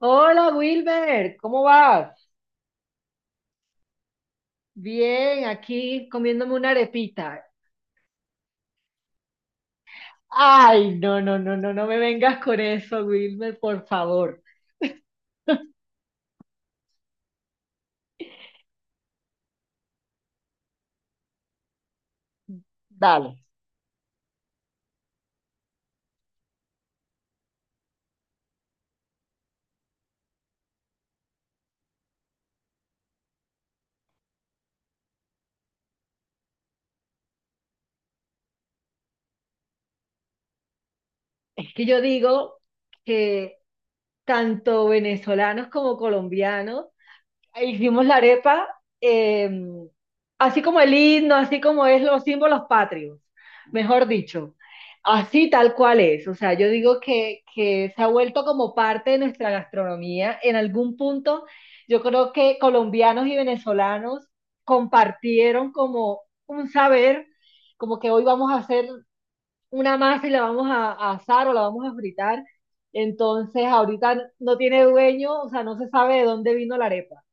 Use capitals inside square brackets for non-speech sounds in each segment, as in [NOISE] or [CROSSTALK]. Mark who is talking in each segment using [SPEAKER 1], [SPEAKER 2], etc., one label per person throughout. [SPEAKER 1] Hola Wilmer, ¿cómo vas? Bien, aquí comiéndome una arepita. Ay, no, no, no, no, no me vengas con eso, Wilmer, por favor. Dale. Es que yo digo que tanto venezolanos como colombianos e Hicimos la arepa, eh, así como el himno, así como es los símbolos patrios, mejor dicho. Así tal cual es. O sea, yo digo que se ha vuelto como parte de nuestra gastronomía. En algún punto, yo creo que colombianos y venezolanos compartieron como un saber, como que hoy vamos a hacer una masa y la vamos a asar o la vamos a fritar. Entonces, ahorita no tiene dueño, o sea, no se sabe de dónde vino la arepa.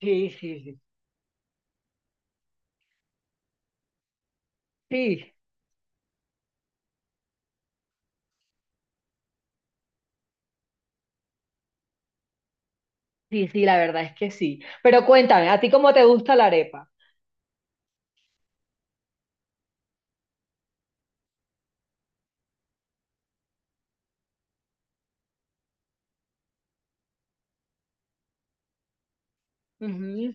[SPEAKER 1] Sí, sí, sí. Sí, sí, sí, la verdad es que sí. Pero cuéntame, ¿a ti cómo te gusta la arepa? Ujú.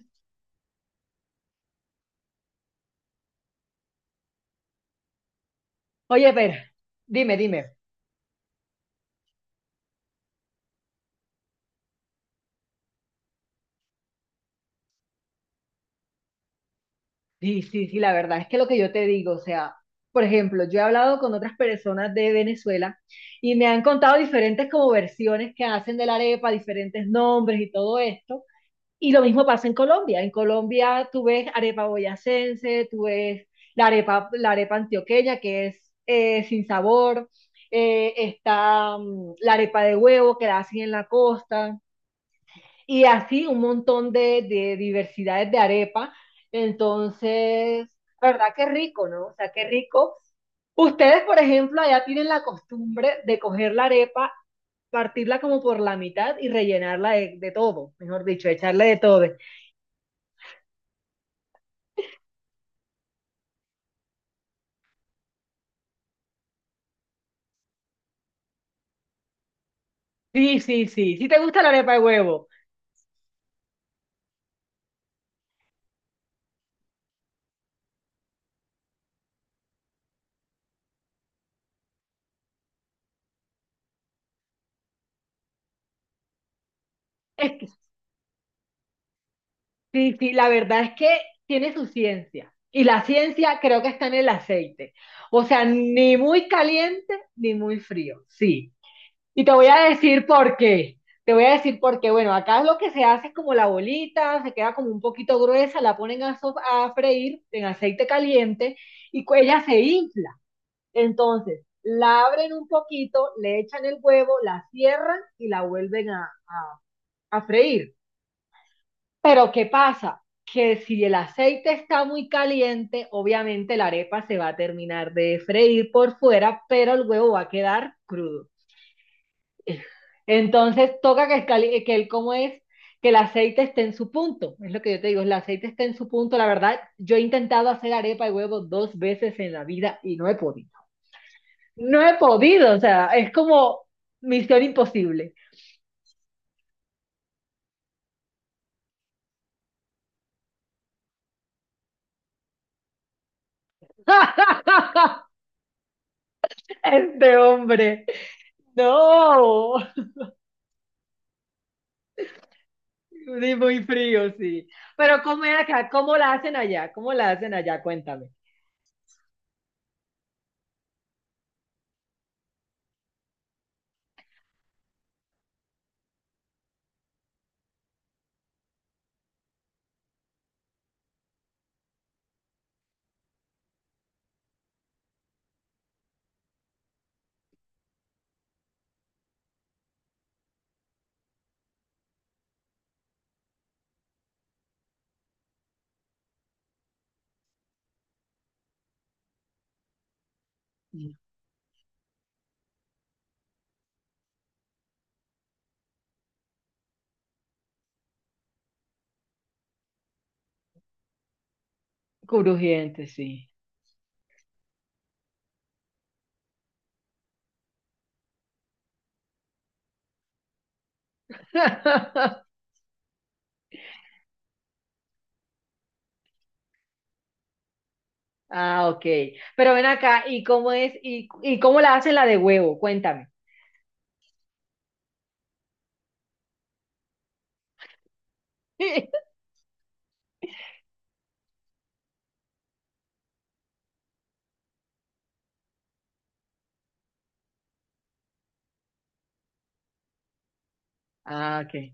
[SPEAKER 1] Oye, pero, dime, dime. Sí, sí, sí, la verdad es que lo que yo te digo, o sea, por ejemplo, yo he hablado con otras personas de Venezuela y me han contado diferentes como versiones que hacen de la arepa, diferentes nombres y todo esto. Y lo mismo pasa en Colombia. En Colombia tú ves arepa boyacense, tú ves la arepa antioqueña, que es sin sabor, está la arepa de huevo, que la hacen en la costa, y así un montón de diversidades de arepa. Entonces, la verdad que rico, ¿no? O sea, qué rico. Ustedes, por ejemplo, allá tienen la costumbre de coger la arepa, partirla como por la mitad y rellenarla de todo, mejor dicho, echarle de todo. Sí, sí, sí. Si te gusta la arepa de huevo. Es que, sí, sí, la verdad es que tiene su ciencia. Y la ciencia creo que está en el aceite. O sea, ni muy caliente ni muy frío. Sí. Y te voy a decir por qué. Te voy a decir por qué. Bueno, acá lo que se hace es como la bolita, se queda como un poquito gruesa, la ponen a, a freír en aceite caliente y ella se infla. Entonces, la abren un poquito, le echan el huevo, la cierran y la vuelven a freír. Pero ¿qué pasa? Que si el aceite está muy caliente, obviamente la arepa se va a terminar de freír por fuera, pero el huevo va a quedar crudo. Entonces toca que, que el cómo es que el aceite esté en su punto. Es lo que yo te digo, el aceite esté en su punto. La verdad, yo he intentado hacer arepa de huevo dos veces en la vida y no he podido. No he podido, o sea, es como misión imposible. [LAUGHS] Este hombre. No. Sí, muy frío, sí. Pero ¿cómo es acá? ¿Cómo la hacen allá? ¿Cómo la hacen allá? Cuéntame. Crujiente, sí. [LAUGHS] Ah, ok. Pero ven acá, ¿y cómo es? ¿Y, cómo la hacen la de huevo? Cuéntame. [LAUGHS] Ah, ok.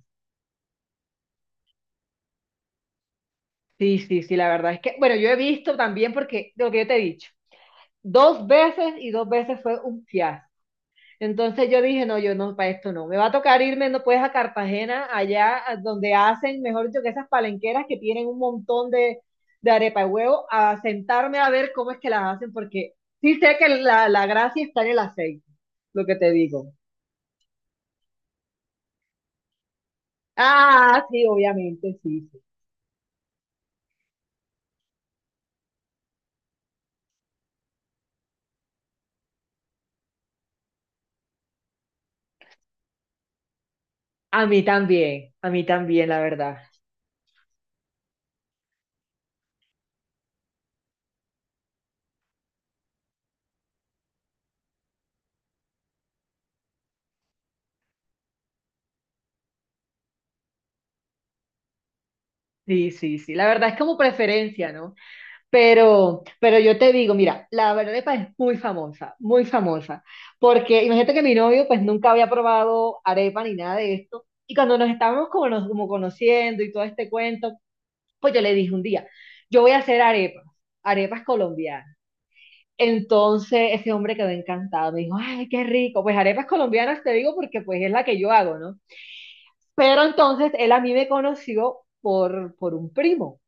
[SPEAKER 1] Sí, sí, sí, la verdad es que, bueno, yo he visto también porque, de lo que yo te he dicho, dos veces y dos veces fue un fiasco. Entonces yo dije, no, yo no, para esto no. Me va a tocar irme, no puedes a Cartagena, allá a donde hacen, mejor dicho, que esas palenqueras que tienen un montón de arepa de huevo, a sentarme a ver cómo es que las hacen, porque sí sé que la gracia está en el aceite, lo que te digo. Ah, sí, obviamente, sí, sí. A mí también, la verdad. Sí, sí, sí. La verdad es como preferencia, ¿no? Pero yo te digo, mira, la arepa es muy famosa, porque imagínate que mi novio pues nunca había probado arepa ni nada de esto, y cuando nos estábamos como, como conociendo y todo este cuento, pues yo le dije un día, yo voy a hacer arepas, arepas colombianas. Entonces ese hombre quedó encantado, me dijo, ay, qué rico, pues arepas colombianas te digo porque pues es la que yo hago, ¿no? Pero entonces él a mí me conoció por un primo.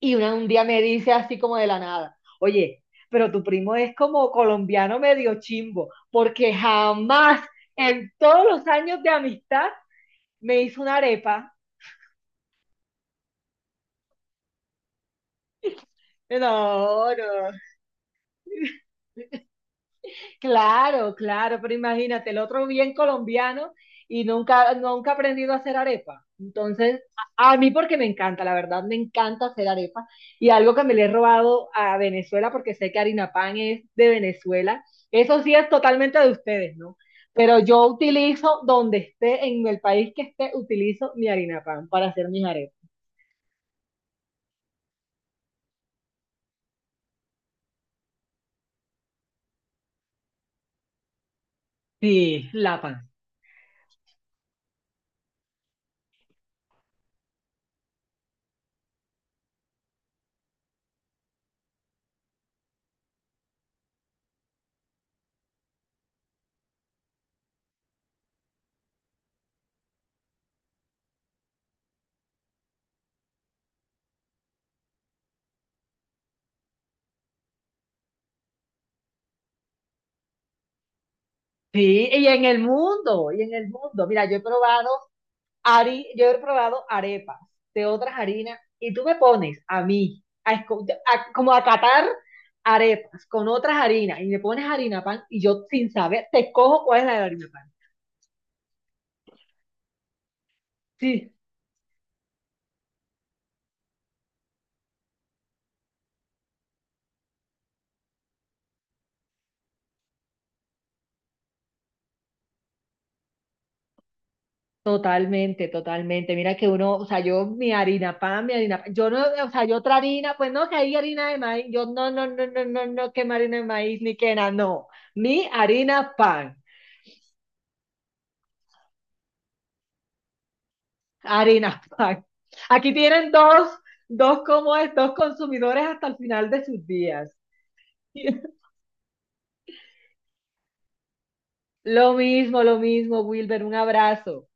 [SPEAKER 1] Y un día me dice así como de la nada, oye, pero tu primo es como colombiano medio chimbo, porque jamás en todos los años de amistad me hizo una arepa. No, no, claro, claro, pero imagínate, el otro bien colombiano y nunca, nunca ha aprendido a hacer arepa. Entonces, a mí porque me encanta, la verdad, me encanta hacer arepa. Y algo que me le he robado a Venezuela, porque sé que harina pan es de Venezuela, eso sí es totalmente de ustedes, ¿no? Pero yo utilizo, donde esté, en el país que esté, utilizo mi harina pan para hacer mis arepas. Sí, la pan. Sí, y en el mundo, y en el mundo. Mira, yo he probado yo he probado arepas de otras harinas y tú me pones a mí, como a catar arepas con otras harinas y me pones harina pan y yo sin saber te cojo cuál es la de harina pan. Sí, totalmente, totalmente. Mira que uno, o sea, yo mi harina pan, yo no, o sea, yo otra harina, pues no, que hay harina de maíz, yo no, no, no, no, no, no, que harina de maíz ni que nada, no, mi harina pan. Harina Pack. Aquí tienen dos, dos como estos consumidores hasta el final de sus días. [LAUGHS] Lo mismo, Wilber, un abrazo.